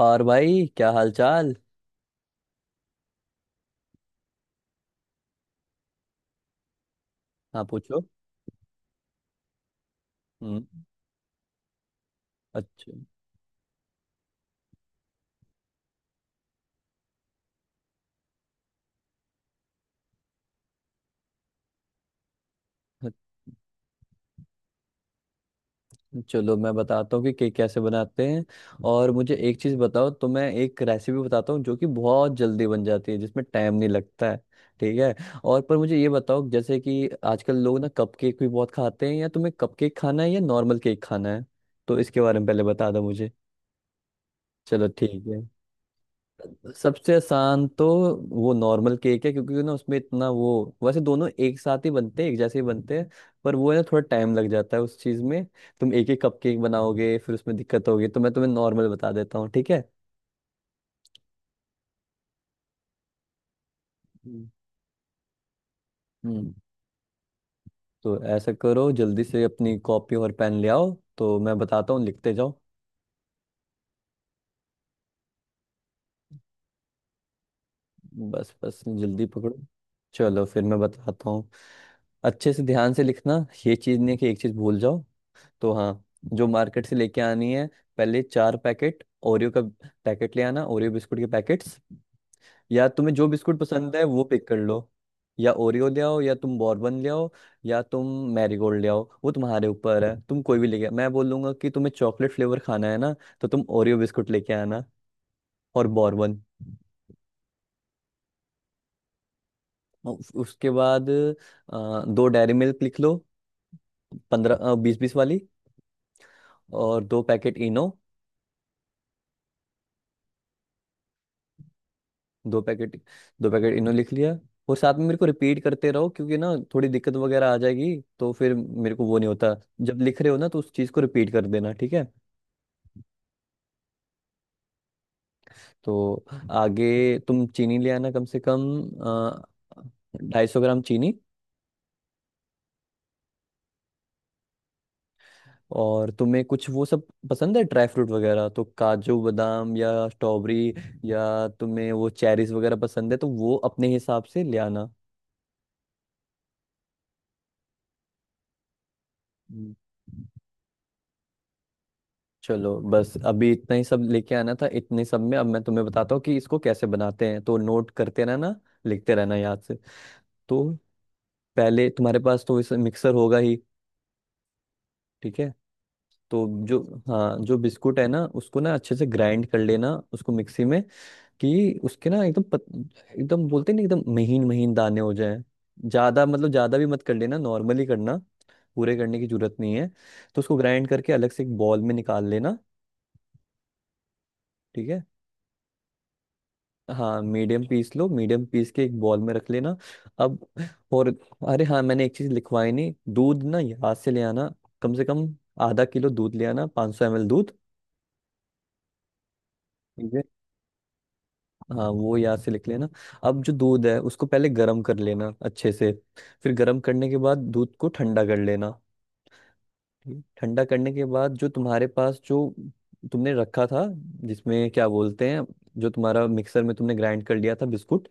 और भाई क्या हाल चाल। हाँ पूछो। हम्म। अच्छा। अच्छा, चलो मैं बताता हूँ कि केक कैसे बनाते हैं। और मुझे एक चीज़ बताओ, तो मैं एक रेसिपी बताता हूँ जो कि बहुत जल्दी बन जाती है, जिसमें टाइम नहीं लगता है। ठीक है। और पर मुझे ये बताओ, जैसे कि आजकल लोग ना कप केक भी बहुत खाते हैं, या तुम्हें कप केक खाना है या नॉर्मल केक खाना है? तो इसके बारे में पहले बता दो मुझे। चलो ठीक है, सबसे आसान तो वो नॉर्मल केक है, क्योंकि ना उसमें इतना वो, वैसे दोनों एक साथ ही बनते हैं, एक जैसे ही बनते हैं। पर वो है ना, थोड़ा टाइम लग जाता है उस चीज़ में। तुम एक ही कप केक बनाओगे फिर उसमें दिक्कत होगी, तो मैं तुम्हें नॉर्मल बता देता हूँ, ठीक है। हम्म। हम्म। तो ऐसा करो, जल्दी से अपनी कॉपी और पेन ले आओ। तो मैं बताता हूँ, लिखते जाओ। बस बस जल्दी पकड़ो। चलो फिर मैं बताता हूँ। अच्छे से ध्यान से लिखना, ये चीज़ नहीं कि एक चीज़ भूल जाओ। तो हाँ, जो मार्केट से लेके आनी है, पहले चार पैकेट ओरियो का पैकेट ले आना, ओरियो बिस्कुट के पैकेट्स। या तुम्हें जो बिस्कुट पसंद है वो पिक कर लो। या ओरियो ले आओ, या तुम बॉर्बन ले आओ, या तुम मैरीगोल्ड ले आओ। वो तुम्हारे ऊपर है, तुम कोई भी लेके, मैं बोलूंगा कि तुम्हें चॉकलेट फ्लेवर खाना है ना, तो तुम ओरियो बिस्कुट लेके आना और बॉर्बन। उसके बाद दो डेयरी मिल्क लिख लो, पंद्रह बीस बीस वाली। और दो पैकेट इनो। दो पैकेट दो पैकेट इनो लिख लिया। और साथ में मेरे को रिपीट करते रहो, क्योंकि ना थोड़ी दिक्कत वगैरह आ जाएगी तो फिर मेरे को वो नहीं होता। जब लिख रहे हो ना, तो उस चीज़ को रिपीट कर देना, ठीक है। तो आगे, तुम चीनी ले आना कम से कम ढाई सौ ग्राम चीनी। और तुम्हें कुछ वो सब पसंद है ड्राई फ्रूट वगैरह, तो काजू बादाम या स्ट्रॉबेरी, या तुम्हें वो चेरीज वगैरह पसंद है, तो वो अपने हिसाब से ले आना। हम्म। चलो, बस अभी इतना ही सब लेके आना था। इतने सब में अब मैं तुम्हें बताता हूँ कि इसको कैसे बनाते हैं, तो नोट करते रहना, लिखते रहना याद से। तो पहले तुम्हारे पास तो इस मिक्सर होगा ही। ठीक है। तो जो, हाँ, जो बिस्कुट है ना उसको ना अच्छे से ग्राइंड कर लेना, उसको मिक्सी में, कि उसके ना एकदम एकदम, बोलते नहीं, एकदम महीन महीन दाने हो जाएं। ज्यादा, मतलब ज्यादा भी मत कर लेना, नॉर्मली करना, पूरे करने की जरूरत नहीं है। तो उसको ग्राइंड करके अलग से एक बॉल में निकाल लेना। ठीक है। हाँ मीडियम पीस लो, मीडियम पीस के एक बॉल में रख लेना। अब, और, अरे हाँ, मैंने एक चीज लिखवाई नहीं, दूध ना यहाँ से ले आना। कम से कम आधा किलो दूध ले आना, 500 सौ एमएल दूध। ठीक है। हाँ वो यहाँ से लिख लेना। अब जो दूध है उसको पहले गर्म कर लेना अच्छे से। फिर गर्म करने के बाद दूध को ठंडा कर लेना। ये ठंडा करने के बाद, जो तुम्हारे पास जो तुमने रखा था, जिसमें क्या बोलते हैं, जो तुम्हारा मिक्सर में तुमने ग्राइंड कर लिया था बिस्कुट,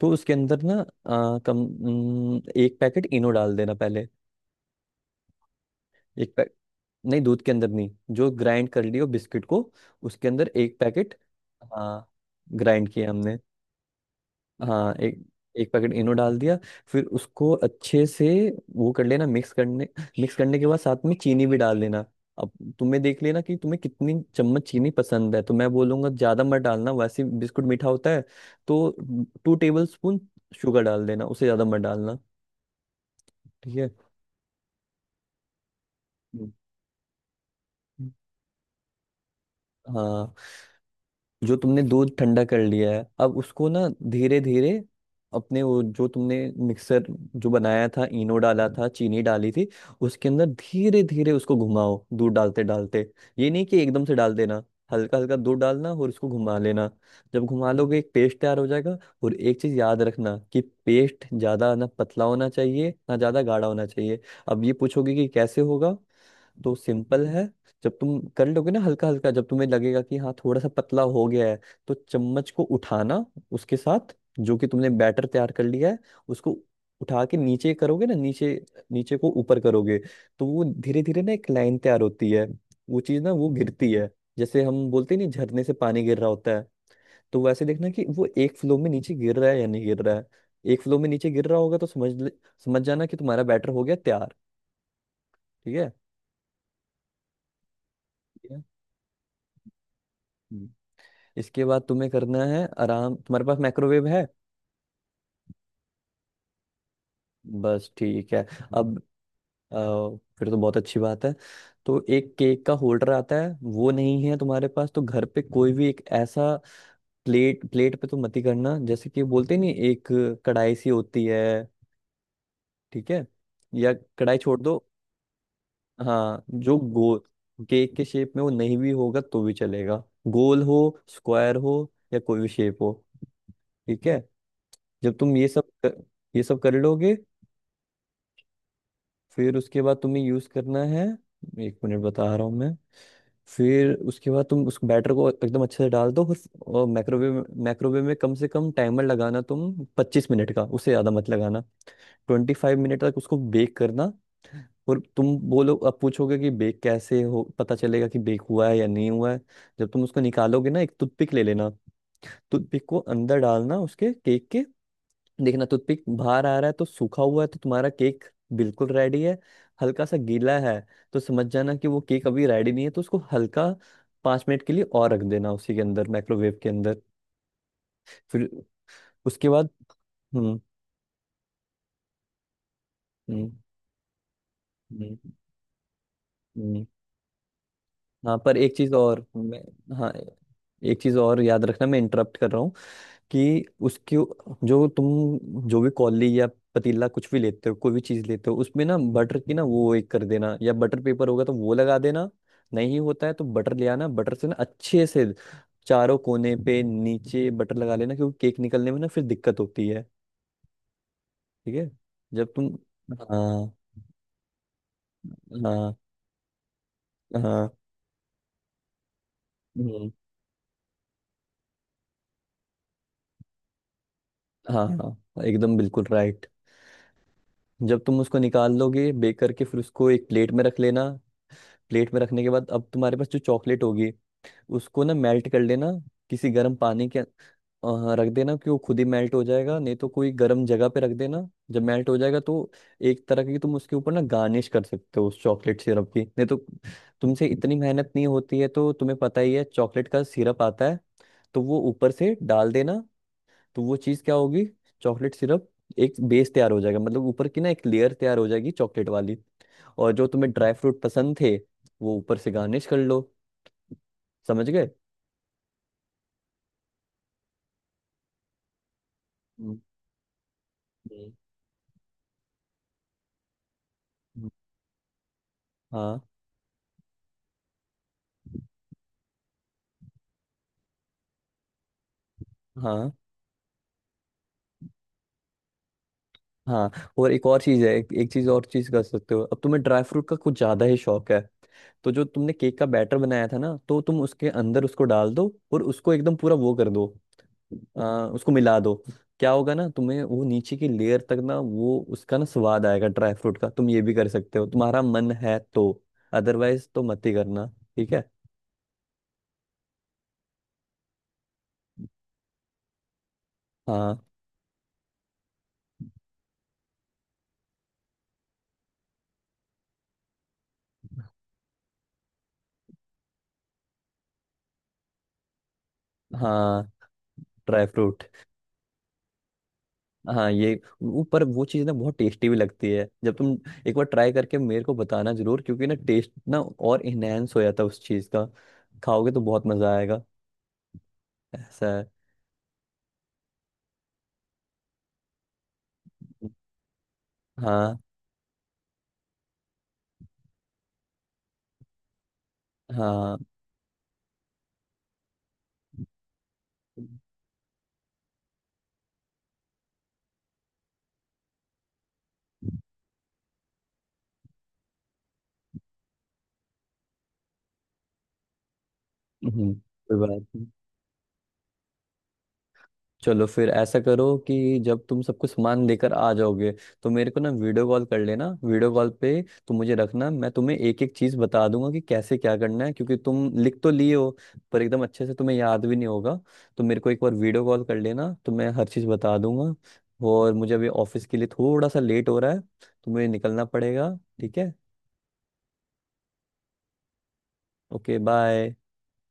तो उसके अंदर ना आ, कम न, एक पैकेट इनो डाल देना पहले। एक पैक नहीं, दूध के अंदर नहीं, जो ग्राइंड कर लियो बिस्किट को, उसके अंदर एक पैकेट। हाँ ग्राइंड किया हमने। हाँ एक एक पैकेट इनो डाल दिया। फिर उसको अच्छे से वो कर लेना, मिक्स करने। मिक्स करने के बाद साथ में चीनी भी डाल लेना। अब तुम्हें देख लेना कि तुम्हें कितनी चम्मच चीनी पसंद है, तो मैं बोलूंगा ज्यादा मत डालना, वैसे बिस्कुट मीठा होता है। तो टू टेबल स्पून शुगर डाल देना, उसे ज्यादा मत डालना। ठीक है। हम्म। हाँ, जो तुमने दूध ठंडा कर लिया है, अब उसको ना धीरे धीरे, अपने वो जो तुमने मिक्सर जो बनाया था, इनो डाला था, चीनी डाली थी, उसके अंदर धीरे धीरे उसको घुमाओ, दूध डालते डालते। ये नहीं कि एकदम से डाल देना, हल्का हल्का दूध डालना और उसको घुमा लेना। जब घुमा लोगे एक पेस्ट तैयार हो जाएगा। और एक चीज याद रखना, कि पेस्ट ज्यादा ना पतला होना चाहिए ना ज्यादा गाढ़ा होना चाहिए। अब ये पूछोगे कि कैसे होगा, तो सिंपल है। जब तुम कर लोगे ना हल्का हल्का, जब तुम्हें लगेगा कि हाँ थोड़ा सा पतला हो गया है, तो चम्मच को उठाना, उसके साथ जो कि तुमने बैटर तैयार कर लिया है, उसको उठा के नीचे करोगे ना, नीचे, नीचे को ऊपर करोगे, तो वो धीरे धीरे ना एक लाइन तैयार होती है, वो चीज ना वो गिरती है, जैसे हम बोलते नहीं झरने से पानी गिर रहा होता है। तो वैसे देखना कि वो एक फ्लो में नीचे गिर रहा है या नहीं गिर रहा है। एक फ्लो में नीचे गिर रहा होगा तो समझ जाना कि तुम्हारा बैटर हो गया तैयार। ठीक। है इसके बाद तुम्हें करना है आराम, तुम्हारे पास माइक्रोवेव है? बस ठीक है। अब, अ, फिर तो बहुत अच्छी बात है। तो एक केक का होल्डर आता है, वो नहीं है तुम्हारे पास, तो घर पे कोई भी एक ऐसा, प्लेट, प्लेट पे तो मत ही करना, जैसे कि बोलते नहीं एक कढ़ाई सी होती है, ठीक है, या, कढ़ाई छोड़ दो, हाँ जो गोल, केक के शेप में, वो नहीं भी होगा तो भी चलेगा, गोल हो, स्क्वायर हो, या कोई भी शेप हो, ठीक है। जब तुम ये सब कर लोगे, फिर उसके बाद तुम्हें यूज करना है, एक मिनट बता रहा हूँ मैं। फिर उसके बाद तुम उस बैटर को एकदम अच्छे से डाल दो। और माइक्रोवेव माइक्रोवेव में कम से कम टाइमर लगाना तुम पच्चीस मिनट का, उससे ज्यादा मत लगाना। ट्वेंटी फाइव मिनट तक उसको बेक करना। और तुम बोलो, अब पूछोगे कि बेक कैसे हो, पता चलेगा कि बेक हुआ है या नहीं हुआ है। जब तुम उसको निकालोगे ना, एक टूथपिक ले लेना, टूथपिक को अंदर डालना उसके, केक के, देखना टूथपिक बाहर आ रहा है तो सूखा हुआ है, तो तुम्हारा केक बिल्कुल रेडी है। हल्का सा गीला है तो समझ जाना कि वो केक अभी रेडी नहीं है, तो उसको हल्का पाँच मिनट के लिए और रख देना, उसी के अंदर माइक्रोवेव के अंदर। फिर उसके बाद, हम्म। हम्म। हम्म। हम्म। हाँ पर एक चीज और मैं हाँ, एक चीज और याद रखना, मैं इंटरप्ट कर रहा हूँ, कि उसकी, जो तुम जो भी कॉली या पतीला कुछ भी लेते हो, कोई भी चीज लेते हो, उसमें ना बटर की ना वो एक कर देना, या बटर पेपर होगा तो वो लगा देना, नहीं होता है तो बटर ले आना। बटर से ना अच्छे से चारों कोने पे नीचे बटर लगा लेना, क्योंकि केक निकलने में ना फिर दिक्कत होती है, ठीक है। जब तुम हाँ, हाँ, हाँ, हम्म, हाँ, हाँ एकदम बिल्कुल राइट। जब तुम उसको निकाल लोगे बेक करके, फिर उसको एक प्लेट में रख लेना। प्लेट में रखने के बाद अब तुम्हारे पास जो चॉकलेट होगी, उसको ना मेल्ट कर लेना, किसी गर्म पानी के रख देना, कि वो खुद ही मेल्ट हो जाएगा, नहीं तो कोई गर्म जगह पे रख देना। जब मेल्ट हो जाएगा तो एक तरह की तुम उसके ऊपर ना गार्निश कर सकते हो उस चॉकलेट सिरप की, नहीं तो तुमसे इतनी मेहनत नहीं होती है, तो तुम्हें पता ही है चॉकलेट का सिरप आता है, तो वो ऊपर से डाल देना। तो वो चीज़ क्या होगी, चॉकलेट सिरप। एक बेस तैयार हो जाएगा, मतलब ऊपर की ना एक लेयर तैयार हो जाएगी चॉकलेट वाली। और जो तुम्हें ड्राई फ्रूट पसंद थे, वो ऊपर से गार्निश कर लो। समझ गए। हम्म। हम्म। हाँ। हाँ। हाँ। और एक और चीज है, एक चीज और, चीज कर सकते हो, अब तुम्हें ड्राई फ्रूट का कुछ ज्यादा ही शौक है, तो जो तुमने केक का बैटर बनाया था ना, तो तुम उसके अंदर उसको डाल दो और उसको एकदम पूरा वो कर दो, उसको मिला दो। क्या होगा ना, तुम्हें वो नीचे की लेयर तक ना वो उसका ना स्वाद आएगा ड्राई फ्रूट का। तुम ये भी कर सकते हो तुम्हारा मन है तो, अदरवाइज तो मत ही करना, ठीक है। हाँ। हाँ। Dry fruit. हाँ ये, पर वो चीज़ ना बहुत टेस्टी भी लगती है जब तुम एक बार ट्राई करके मेरे को बताना जरूर, क्योंकि ना टेस्ट ना और इनहेंस हो जाता है उस चीज़ का, खाओगे तो बहुत मज़ा आएगा, ऐसा है। हाँ। हाँ। कोई बात नहीं। चलो फिर ऐसा करो कि जब तुम सब कुछ सामान लेकर आ जाओगे, तो मेरे को ना वीडियो कॉल कर लेना, वीडियो कॉल पे तुम मुझे रखना, मैं तुम्हें एक एक चीज बता दूंगा कि कैसे क्या करना है, क्योंकि तुम लिख तो लिए हो पर एकदम अच्छे से तुम्हें याद भी नहीं होगा, तो मेरे को एक बार वीडियो कॉल कर लेना तो मैं हर चीज बता दूंगा। और मुझे अभी ऑफिस के लिए थोड़ा सा लेट हो रहा है, तो मुझे निकलना पड़ेगा, ठीक है। Okay, bye.